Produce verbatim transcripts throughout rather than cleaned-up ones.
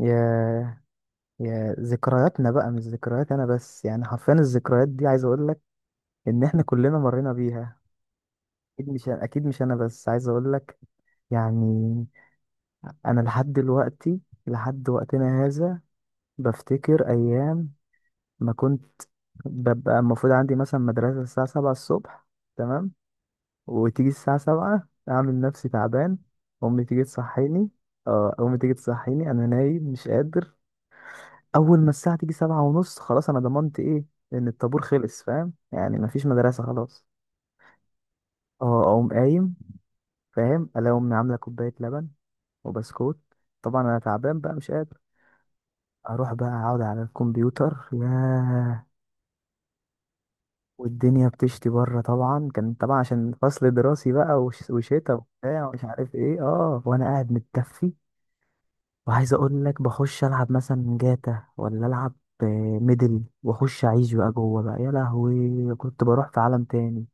يا يا ذكرياتنا بقى مش ذكريات انا بس، يعني حرفيا الذكريات دي. عايز اقول لك ان احنا كلنا مرينا بيها. اكيد مش اكيد مش انا بس، عايز اقول لك، يعني. انا لحد دلوقتي، لحد وقتنا هذا، بفتكر ايام ما كنت ببقى المفروض عندي مثلا مدرسة الساعة سبعة الصبح، تمام. وتيجي الساعة سبعة أعمل نفسي تعبان. أمي تيجي تصحيني، اه أمي تيجي تصحيني أنا نايم مش قادر. اول ما الساعه تيجي سبعة ونص، خلاص، انا ضمنت ايه؟ ان الطابور خلص، فاهم؟ يعني مفيش مدرسه خلاص. اه اقوم قايم، فاهم؟ الاقي امي عامله كوبايه لبن وبسكوت. طبعا انا تعبان بقى مش قادر. اروح بقى اقعد على الكمبيوتر، ياه. والدنيا بتشتي بره طبعا، كان طبعا عشان فصل دراسي بقى وش- وشتا وبتاع ومش عارف ايه، اه، وانا قاعد متدفي. وعايز اقول لك، بخش العب مثلا جاتا ولا العب آه، ميدل، واخش اعيش بقى جوه بقى، يا لهوي. كنت بروح في عالم تاني،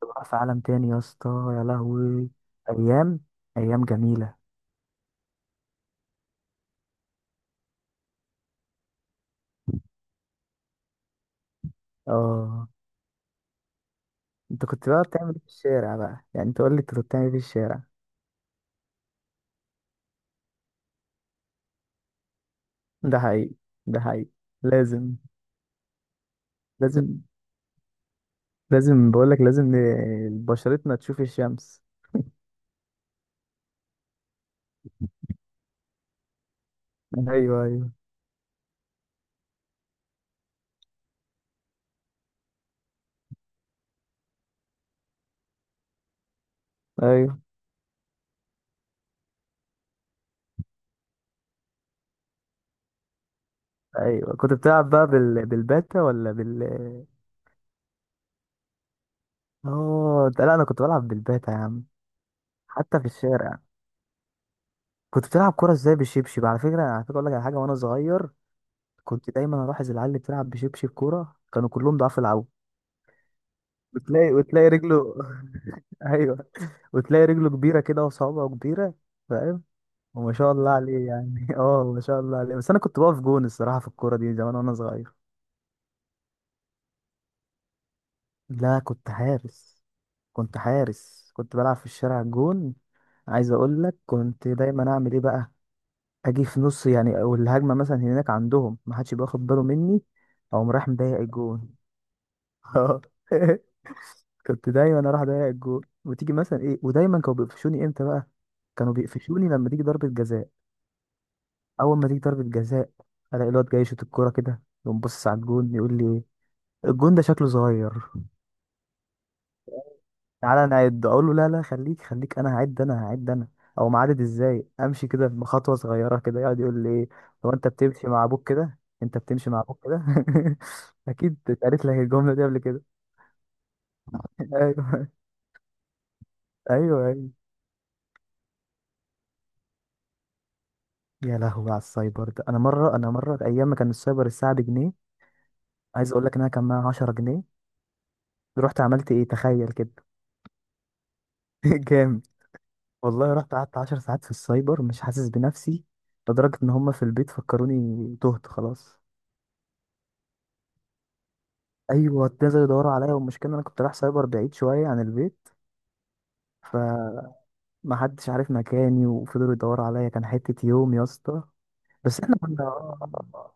كنت بروح في عالم تاني يا اسطى، يا لهوي. ايام، ايام جميله. اه انت كنت بقى بتعمل ايه في الشارع بقى؟ يعني انت قول لي انت كنت بتعمل ايه في الشارع؟ ده حقيقي، ده حقيقي. لازم، لازم، لازم بقول لك، لازم ن- بشرتنا تشوف الشمس. ايوه ايوه، ايوه ايوه. كنت بتلعب بقى بال... بالباتا ولا بال؟ اه، ده لا، انا كنت بلعب بالباتا يا عم، حتى في الشارع. كنت بتلعب كوره ازاي بالشبشب؟ على فكره، على فكره، اقول لك على حاجه. وانا صغير كنت دايما الاحظ العيال اللي بتلعب بشبشب كوره كانوا كلهم ضعاف العوض. وتلاقي وتلاقي رجله، ايوه، وتلاقي رجله كبيره كده وصوابعه كبيره، فاهم؟ وما شاء الله عليه يعني، اه ما شاء الله عليه. بس انا كنت بقف جون الصراحه في الكوره دي زمان وانا صغير. لا كنت حارس، كنت حارس، كنت بلعب في الشارع جون. عايز اقول لك، كنت دايما اعمل ايه بقى؟ اجي في نص يعني او الهجمه مثلا هناك عندهم، ما حدش يبقى واخد باله مني، اقوم رايح مضيق الجون. اه كنت دايما اروح اضيق الجون، وتيجي مثلا ايه، ودايما كانوا بيقفشوني امتى بقى؟ كانوا بيقفشوني لما تيجي ضربه جزاء. اول ما تيجي ضربه جزاء الاقي الواد جاي يشوط الكوره كده، يقوم باصص على الجون يقول لي إيه، الجون ده شكله صغير. تعالى نعد، اقول له لا لا، خليك خليك، انا هعد، انا هعد انا. او معدد ازاي، امشي كده بخطوه صغيره كده، يقعد يقول لي ايه، هو انت بتمشي مع ابوك كده؟ انت بتمشي مع ابوك كده؟ اكيد اتقالت لك الجمله دي قبل كده، ايوه ايوه ايوه. يا لهوي على السايبر ده، انا مره، انا مره، ايام ما كان السايبر الساعه بجنيه. عايز اقول لك ان انا كان معايا عشرة جنيه، رحت عملت ايه، تخيل كده. جامد. والله رحت قعدت عشر ساعات في السايبر مش حاسس بنفسي، لدرجه ان هم في البيت فكروني تهت خلاص. ايوه ابتدوا يدوروا عليا، والمشكله إن انا كنت رايح سايبر بعيد شويه عن البيت، فمحدش عارف مكاني، وفضلوا يدوروا عليا، كان حته يوم يا اسطى. بس احنا كنا آه،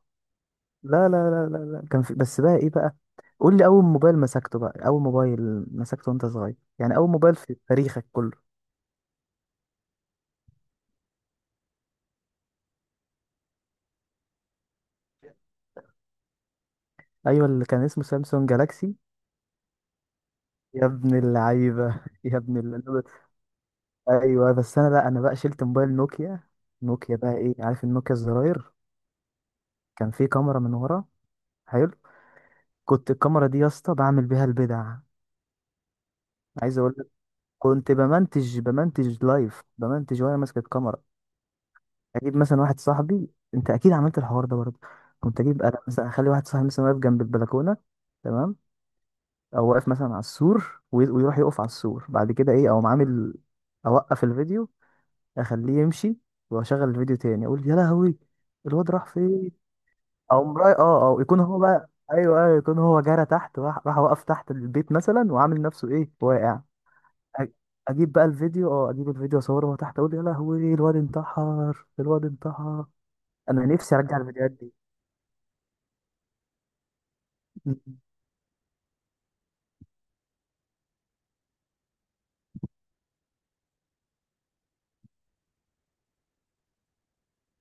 لا لا لا لا لا، كان في، بس بقى ايه بقى؟ قول لي اول موبايل مسكته بقى، اول موبايل مسكته وانت صغير، يعني اول موبايل في تاريخك كله. ايوه اللي كان اسمه سامسونج جالاكسي. يا ابن اللعيبه، يا ابن اللعيبه. ايوه بس انا بقى، انا بقى شلت موبايل نوكيا. نوكيا بقى ايه؟ عارف النوكيا الزراير، كان فيه كاميرا من ورا، حلو. كنت الكاميرا دي يا اسطى بعمل بيها البدع. عايز اقول لك، كنت بمنتج بمنتج لايف، بمنتج وانا ماسك الكاميرا، اجيب مثلا واحد صاحبي. انت اكيد عملت الحوار ده برضه. كنت اجيب انا مثلا، اخلي واحد صاحبي مثلا واقف جنب البلكونه، تمام. او واقف مثلا على السور وي- ويروح يقف على السور بعد كده ايه او عامل. اوقف الفيديو، اخليه يمشي، واشغل الفيديو تاني، اقول يا لهوي الواد راح فين. او مراي، اه، او يكون هو بقى، ايوه ايوه، يكون هو جرى تحت، راح، راح وقف تحت البيت مثلا، وعامل نفسه ايه، واقع. أ- اجيب بقى الفيديو، اه اجيب الفيديو اصوره من تحت، اقول يا لهوي الواد انتحر، الواد انتحر. انا نفسي ارجع الفيديوهات دي. م.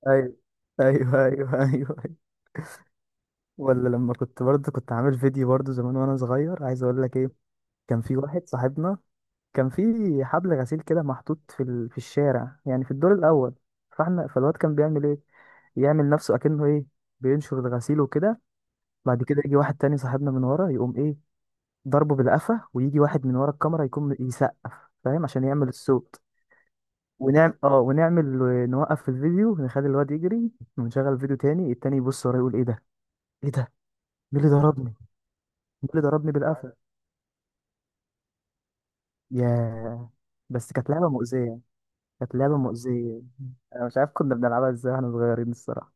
ايوه ايوه ايوه، ايوه أيوة. ولا لما كنت برضه كنت عامل فيديو برضه زمان وانا صغير، عايز اقول لك ايه. كان في واحد صاحبنا، كان في حبل غسيل كده محطوط في ال... في الشارع، يعني في الدور الاول. فاحنا، فالواد كان بيعمل ايه، يعمل نفسه اكنه ايه، بينشر الغسيل وكده. بعد كده يجي واحد تاني صاحبنا من ورا، يقوم ايه، ضربه بالقفا، ويجي واحد من ورا الكاميرا يكون يسقف، فاهم؟ عشان يعمل الصوت. ونعمل اه ونعمل، نوقف الفيديو، نخلي الواد يجري، ونشغل الفيديو تاني، التاني يبص ورا يقول ايه ده، ايه ده، مين اللي ضربني، مين اللي ضربني بالقفا. يا، بس كانت لعبة مؤذية، كانت لعبة مؤذية. انا مش عارف كنا بنلعبها ازاي واحنا صغيرين الصراحة.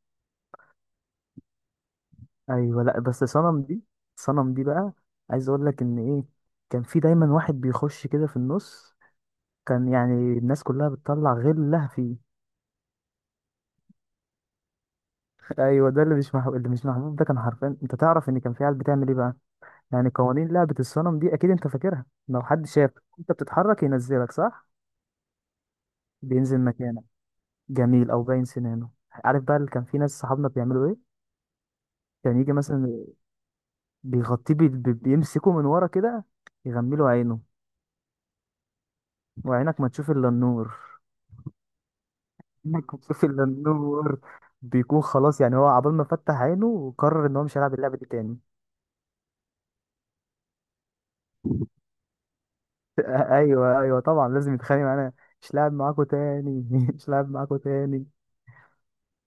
ايوه لا، بس صنم دي، صنم دي بقى، عايز اقول لك ان ايه، كان في دايما واحد بيخش كده في النص، كان يعني الناس كلها بتطلع غلها فيه. ايوه ده اللي مش محبوب، اللي مش محبوب ده كان حرفيا، انت تعرف ان كان في عيال بتعمل ايه بقى. يعني قوانين لعبه الصنم دي اكيد انت فاكرها، لو حد شاف انت بتتحرك ينزلك، صح بينزل مكانك، جميل، او باين سنانه. عارف بقى اللي كان في ناس صحابنا بيعملوا ايه؟ كان يجي مثلا، بيغطيه بي... بي- بيمسكه من ورا كده، يغمله عينه، وعينك ما تشوف الا النور، عينك ما تشوف الا النور، بيكون خلاص، يعني هو عبال ما فتح عينه وقرر ان هو مش هيلعب اللعبه دي تاني. ايوه ايوه طبعا لازم يتخانق معانا. مش لاعب معاكو تاني، مش لاعب معاكو تاني.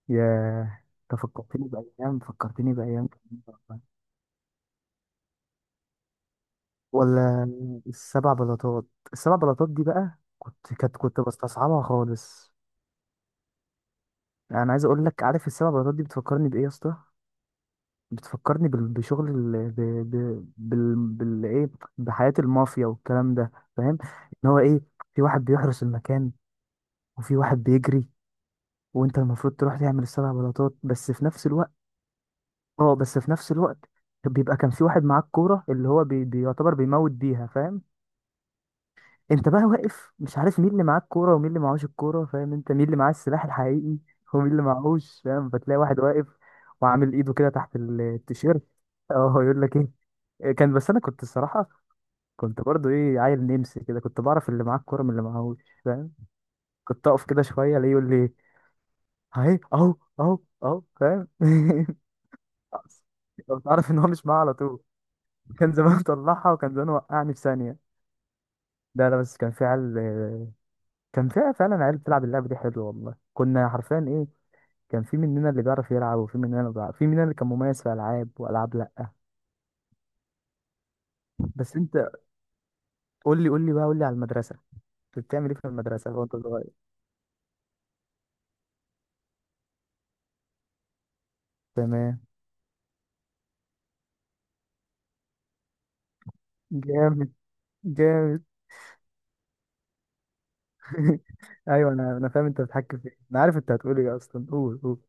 ياه. انت فكرتني بايام، فكرتني بايام جميلة والله. ولا السبع بلاطات، السبع بلاطات دي بقى، كنت كانت كنت بستصعبها خالص. انا عايز اقول لك، عارف السبع بلاطات دي بتفكرني بايه يا اسطى؟ بتفكرني بال- بشغل ال... ب... ب... بال... بال... ايه بحياة المافيا والكلام ده، فاهم؟ ان هو ايه، في واحد بيحرس المكان، وفي واحد بيجري، وانت المفروض تروح تعمل السبع بلاطات بس في نفس الوقت. اه بس في نفس الوقت، بيبقى كان في واحد معاك كورة، اللي هو بي... بيعتبر بيموت بيها، فاهم؟ انت بقى واقف مش عارف مين اللي معاه الكورة ومين اللي معهوش الكورة، فاهم؟ انت مين اللي معاه السلاح الحقيقي ومين اللي معهوش، فاهم؟ فتلاقي واحد واقف، وعامل ايده كده تحت ال- التيشيرت. اه يقول لك ايه كان. بس انا كنت الصراحة، كنت برضو ايه، عيل نمسي كده، كنت بعرف اللي معاه الكورة من اللي معهوش، فاهم؟ كنت اقف كده شوية الاقيه يقول لي، اهي اهو، اهو، اهو، فاهم؟ لو تعرف ان هو مش معاه على طول. كان زمان طلعها، وكان زمان وقعني في ثانيه. لا لا، بس كان في عيال، كان في فعلا عيال بتلعب اللعبه دي، حلوه والله، كنا حرفيا ايه، كان في مننا اللي بيعرف يلعب، وفي مننا اللي بيعرف، في مننا اللي كان مميز في العاب والعاب لا. بس انت، قول لي، قول لي بقى، قول لي على المدرسه، كنت بتعمل ايه في المدرسه وانت صغير؟ تمام، جامد، جامد. ايوه، انا انا فاهم انت بتحكي في ايه، انا عارف انت هتقول ايه اصلا، قول قول.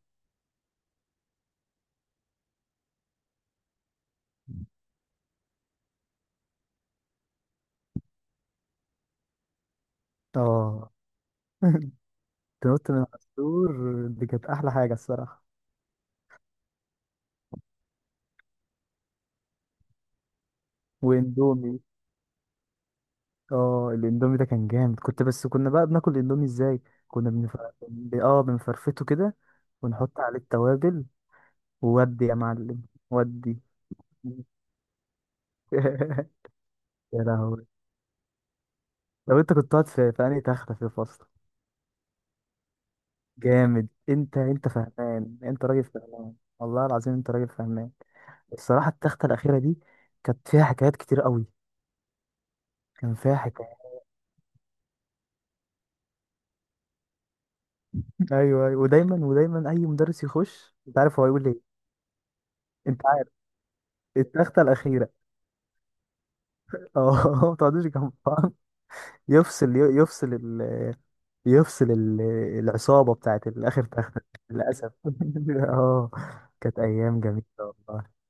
اه تنط من على السور دي كانت احلى حاجه الصراحه. واندومي، اه الاندومي ده كان جامد. كنت بس كنا بقى بناكل الاندومي ازاي؟ كنا بنف... ب- اه بنفرفته كده، ونحط عليه التوابل، وودي يا معلم. ودي. يا لهوي، لو انت كنت قاعد في في انهي تخته في الفصل؟ جامد، انت انت فهمان، انت راجل فهمان، والله العظيم انت راجل فهمان. الصراحه التخته الاخيره دي كانت فيها حكايات كتير قوي، كان فيها حكايات. ايوه ايوه، ودايما ودايما اي مدرس يخش انت عارف هو هيقول ايه؟ انت عارف؟ التخته الاخيره، اه. ما تقعدوش جنب بعض. يفصل يفصل ال... يفصل ال... العصابة بتاعت الآخر، تختك للأسف. اه كانت أيام جميلة والله.